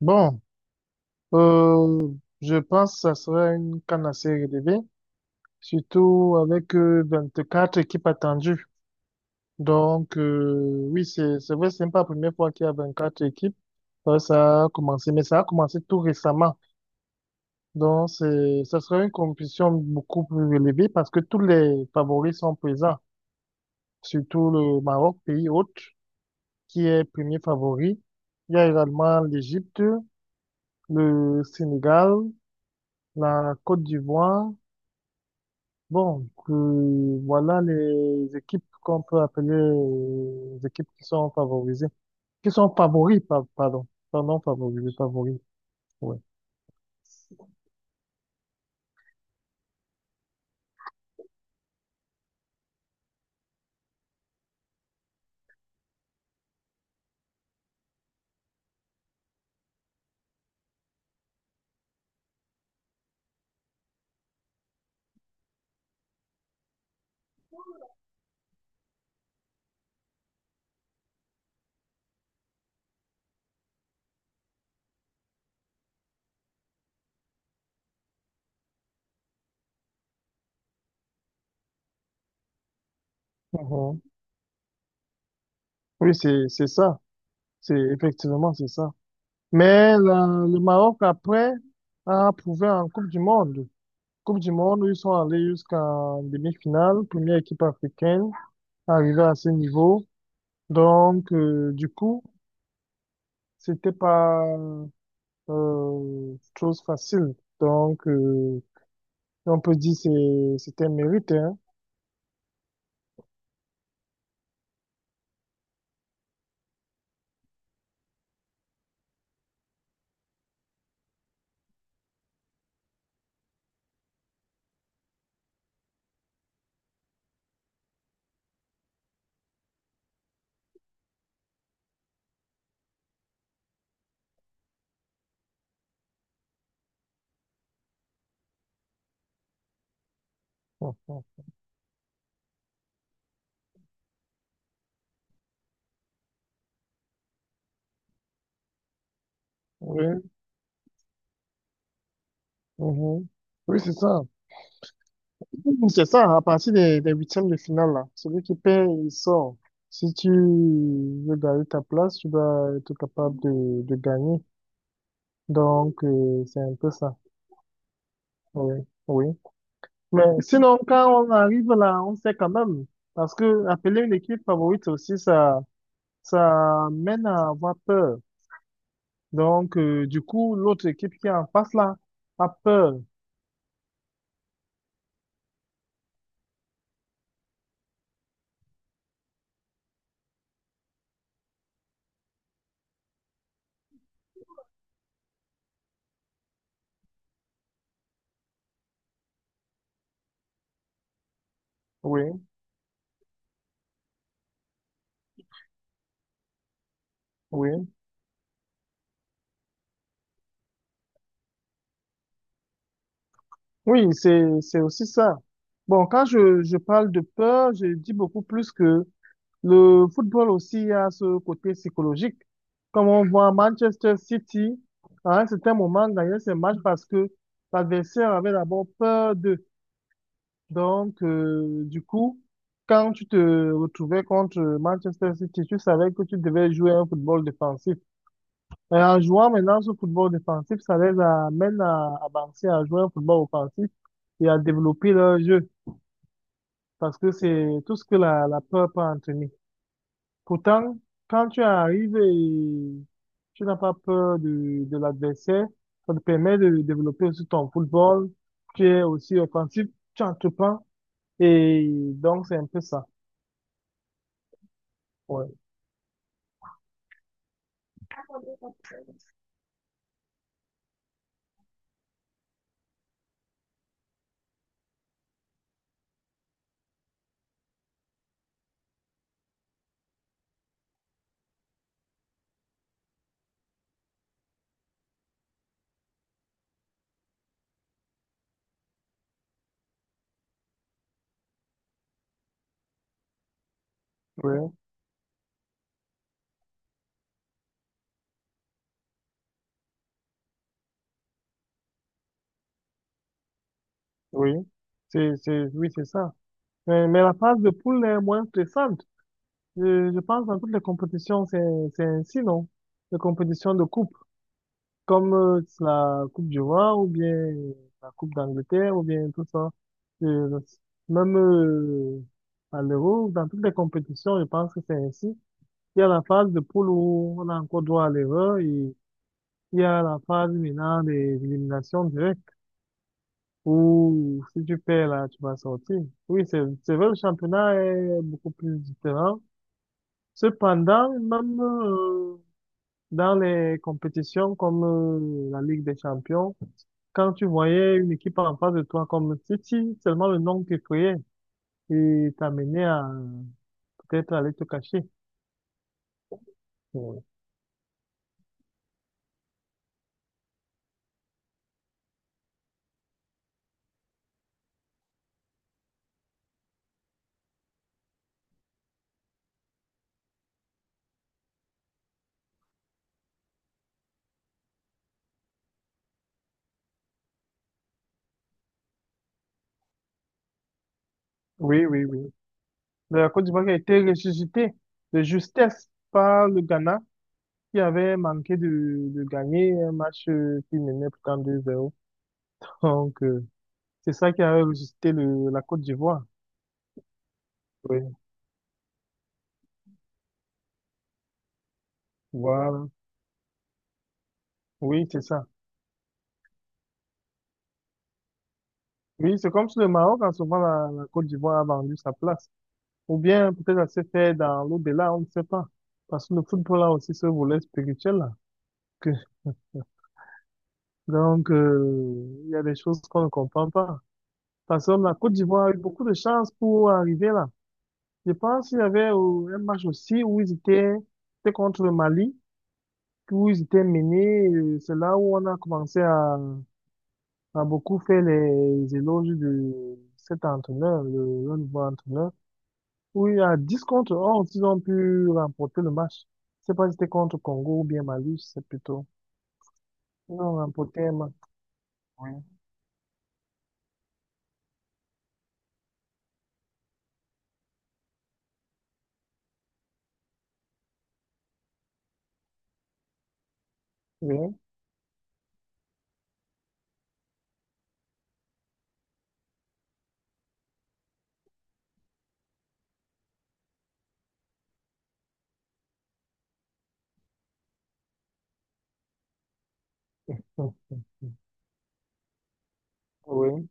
Bon, euh, je pense que ça sera une canne assez relevée, surtout avec quatre équipes attendues. Donc, oui, c'est vrai, c'est pas la première fois qu'il y a 24 équipes. Ça a commencé, mais ça a commencé tout récemment. Donc, c'est ça sera une compétition beaucoup plus relevée parce que tous les favoris sont présents, surtout le Maroc, pays hôte, qui est premier favori. Il y a également l'Égypte, le Sénégal, la Côte d'Ivoire. Voilà les équipes qu'on peut appeler, les équipes qui sont favorisées, qui sont favoris, pardon, favorisées, favoris, ouais. Mhm. Oui, c'est ça, c'est effectivement c'est ça. Mais le Maroc après a prouvé en Coupe du Monde. Coupe du Monde, ils sont allés jusqu'en demi-finale, première équipe africaine arrivée à ce niveau. Donc du coup, c'était pas chose facile. Donc, on peut dire c'est un mérite, hein. Mhm. Oui, mhm. Oui, c'est ça. C'est ça, à partir des huitièmes de finale, là. Celui qui perd, il sort. Si tu veux garder ta place, tu dois être capable de gagner. Donc, c'est un peu ça. Oui, oui. Mais sinon, quand on arrive là, on sait quand même. Parce que appeler une équipe favorite aussi, ça mène à avoir peur. Donc, du coup, l'autre équipe qui est en face là a peur. Oui, oui. Oui, c'est aussi ça. Bon, quand je parle de peur, je dis beaucoup plus que le football aussi a ce côté psychologique. Comme on voit Manchester City, à un certain moment, gagner ces matchs parce que l'adversaire avait d'abord peur d'eux. Donc, du coup, quand tu te retrouvais contre Manchester City, tu savais que tu devais jouer un football défensif. Et en jouant maintenant ce football défensif, ça les amène à avancer, à jouer un football offensif et à développer leur jeu. Parce que c'est tout ce que la peur peut entraîner. Pourtant, quand tu arrives et tu n'as pas peur de l'adversaire, ça te permet de développer aussi ton football. Tu es aussi offensif, tu entreprends. Et donc, c'est un peu ça. Ouais, oui, oui. Oui, c'est ça. Mais la phase de poule est moins stressante. Je pense dans toutes les compétitions, c'est ainsi, non? Les compétitions de coupe, comme la Coupe du Roi ou bien la Coupe d'Angleterre ou bien tout ça. Euh, même à l'Euro, dans toutes les compétitions, je pense que c'est ainsi. Il y a la phase de poule où on a encore droit à l'erreur et il y a la phase maintenant des éliminations directes où si tu perds là, tu vas sortir. Oui, c'est vrai, le championnat est beaucoup plus différent. Cependant, même dans les compétitions comme la Ligue des Champions, quand tu voyais une équipe en face de toi comme City, seulement le nom qui criait et t'amenait à peut-être aller te cacher. Oui, oui, oui, oui. La Côte d'Ivoire qui a été ressuscitée de justesse par le Ghana qui avait manqué de gagner un match, qui menait pourtant 2-0. Donc, c'est ça qui avait ressuscité la Côte d'Ivoire. Oui, voilà. Oui, c'est ça. Oui, c'est comme si le Maroc, en ce moment, la Côte d'Ivoire a vendu sa place. Ou bien peut-être ça se fait dans l'au-delà, on ne sait pas. Parce que le football a aussi ce volet spirituel là. Que- donc, il y a des choses qu'on ne comprend pas. Parce que la Côte d'Ivoire a eu beaucoup de chance pour arriver là. Je pense qu'il y avait, un match aussi où ils étaient, c'était contre le Mali, où ils étaient menés. C'est là où on a commencé à beaucoup faire les éloges de cet entraîneur, le nouveau entraîneur. Oui, à dix contre 11, ils ont pu remporter le match. Je sais pas si c'était contre Congo ou bien Mali, c'est plutôt. Ils ont remporté un match. Oui, oui,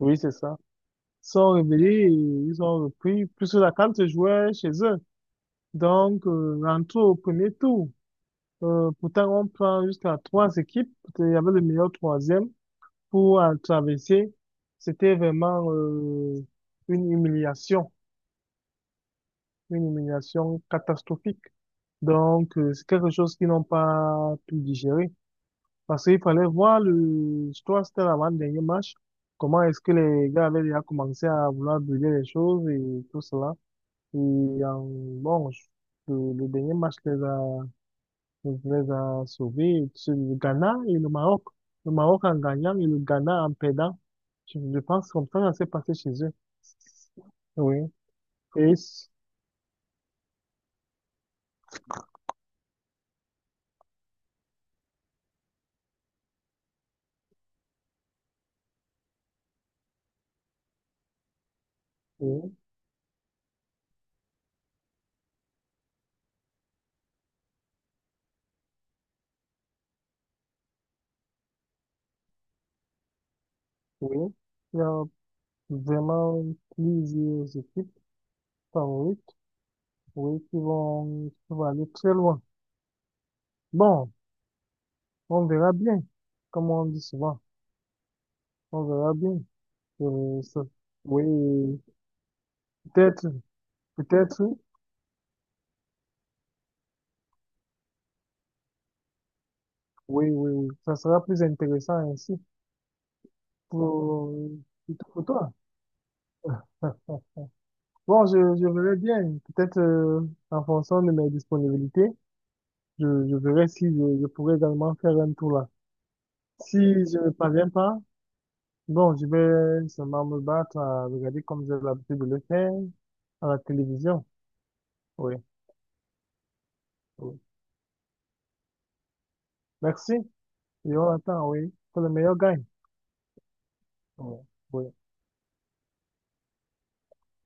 oui, c'est ça. Ils sont réveillés et ils ont repris, puisque la CAN se jouait chez eux. Donc, rentrons au premier tour. Pourtant, on prend jusqu'à trois équipes. Il y avait le meilleur troisième pour traverser. C'était vraiment une humiliation, une humiliation catastrophique. Donc, c'est quelque chose qu'ils n'ont pas pu digérer. Parce qu'il fallait voir le, je crois que c'était l'avant-dernier match, comment est-ce que les gars avaient déjà commencé à vouloir brûler les choses et tout cela. Et bon, le dernier match les a sauvés, c'est le Ghana et le Maroc. Le Maroc en gagnant et le Ghana en perdant. Je pense comme ça s'est passé chez eux. Oui, et, c- oui, oui. Il y a vraiment plusieurs équipes. Favorite, oui, oui, qui vont aller très loin. Bon, on verra bien, comme on dit souvent, on verra bien. Euh, ça- oui, peut-être, peut-être, oui, oui, oui, ça sera plus intéressant ainsi pour, pour toi. Bon, je verrai bien, peut-être en fonction de mes disponibilités, je verrai si je pourrai également faire un tour là. Si je ne parviens pas, bon, je vais seulement me battre à regarder comme j'ai l'habitude de le faire à la télévision. Oui, oui. Merci. Et on attend, oui, que le meilleur gagne. Oui, oui.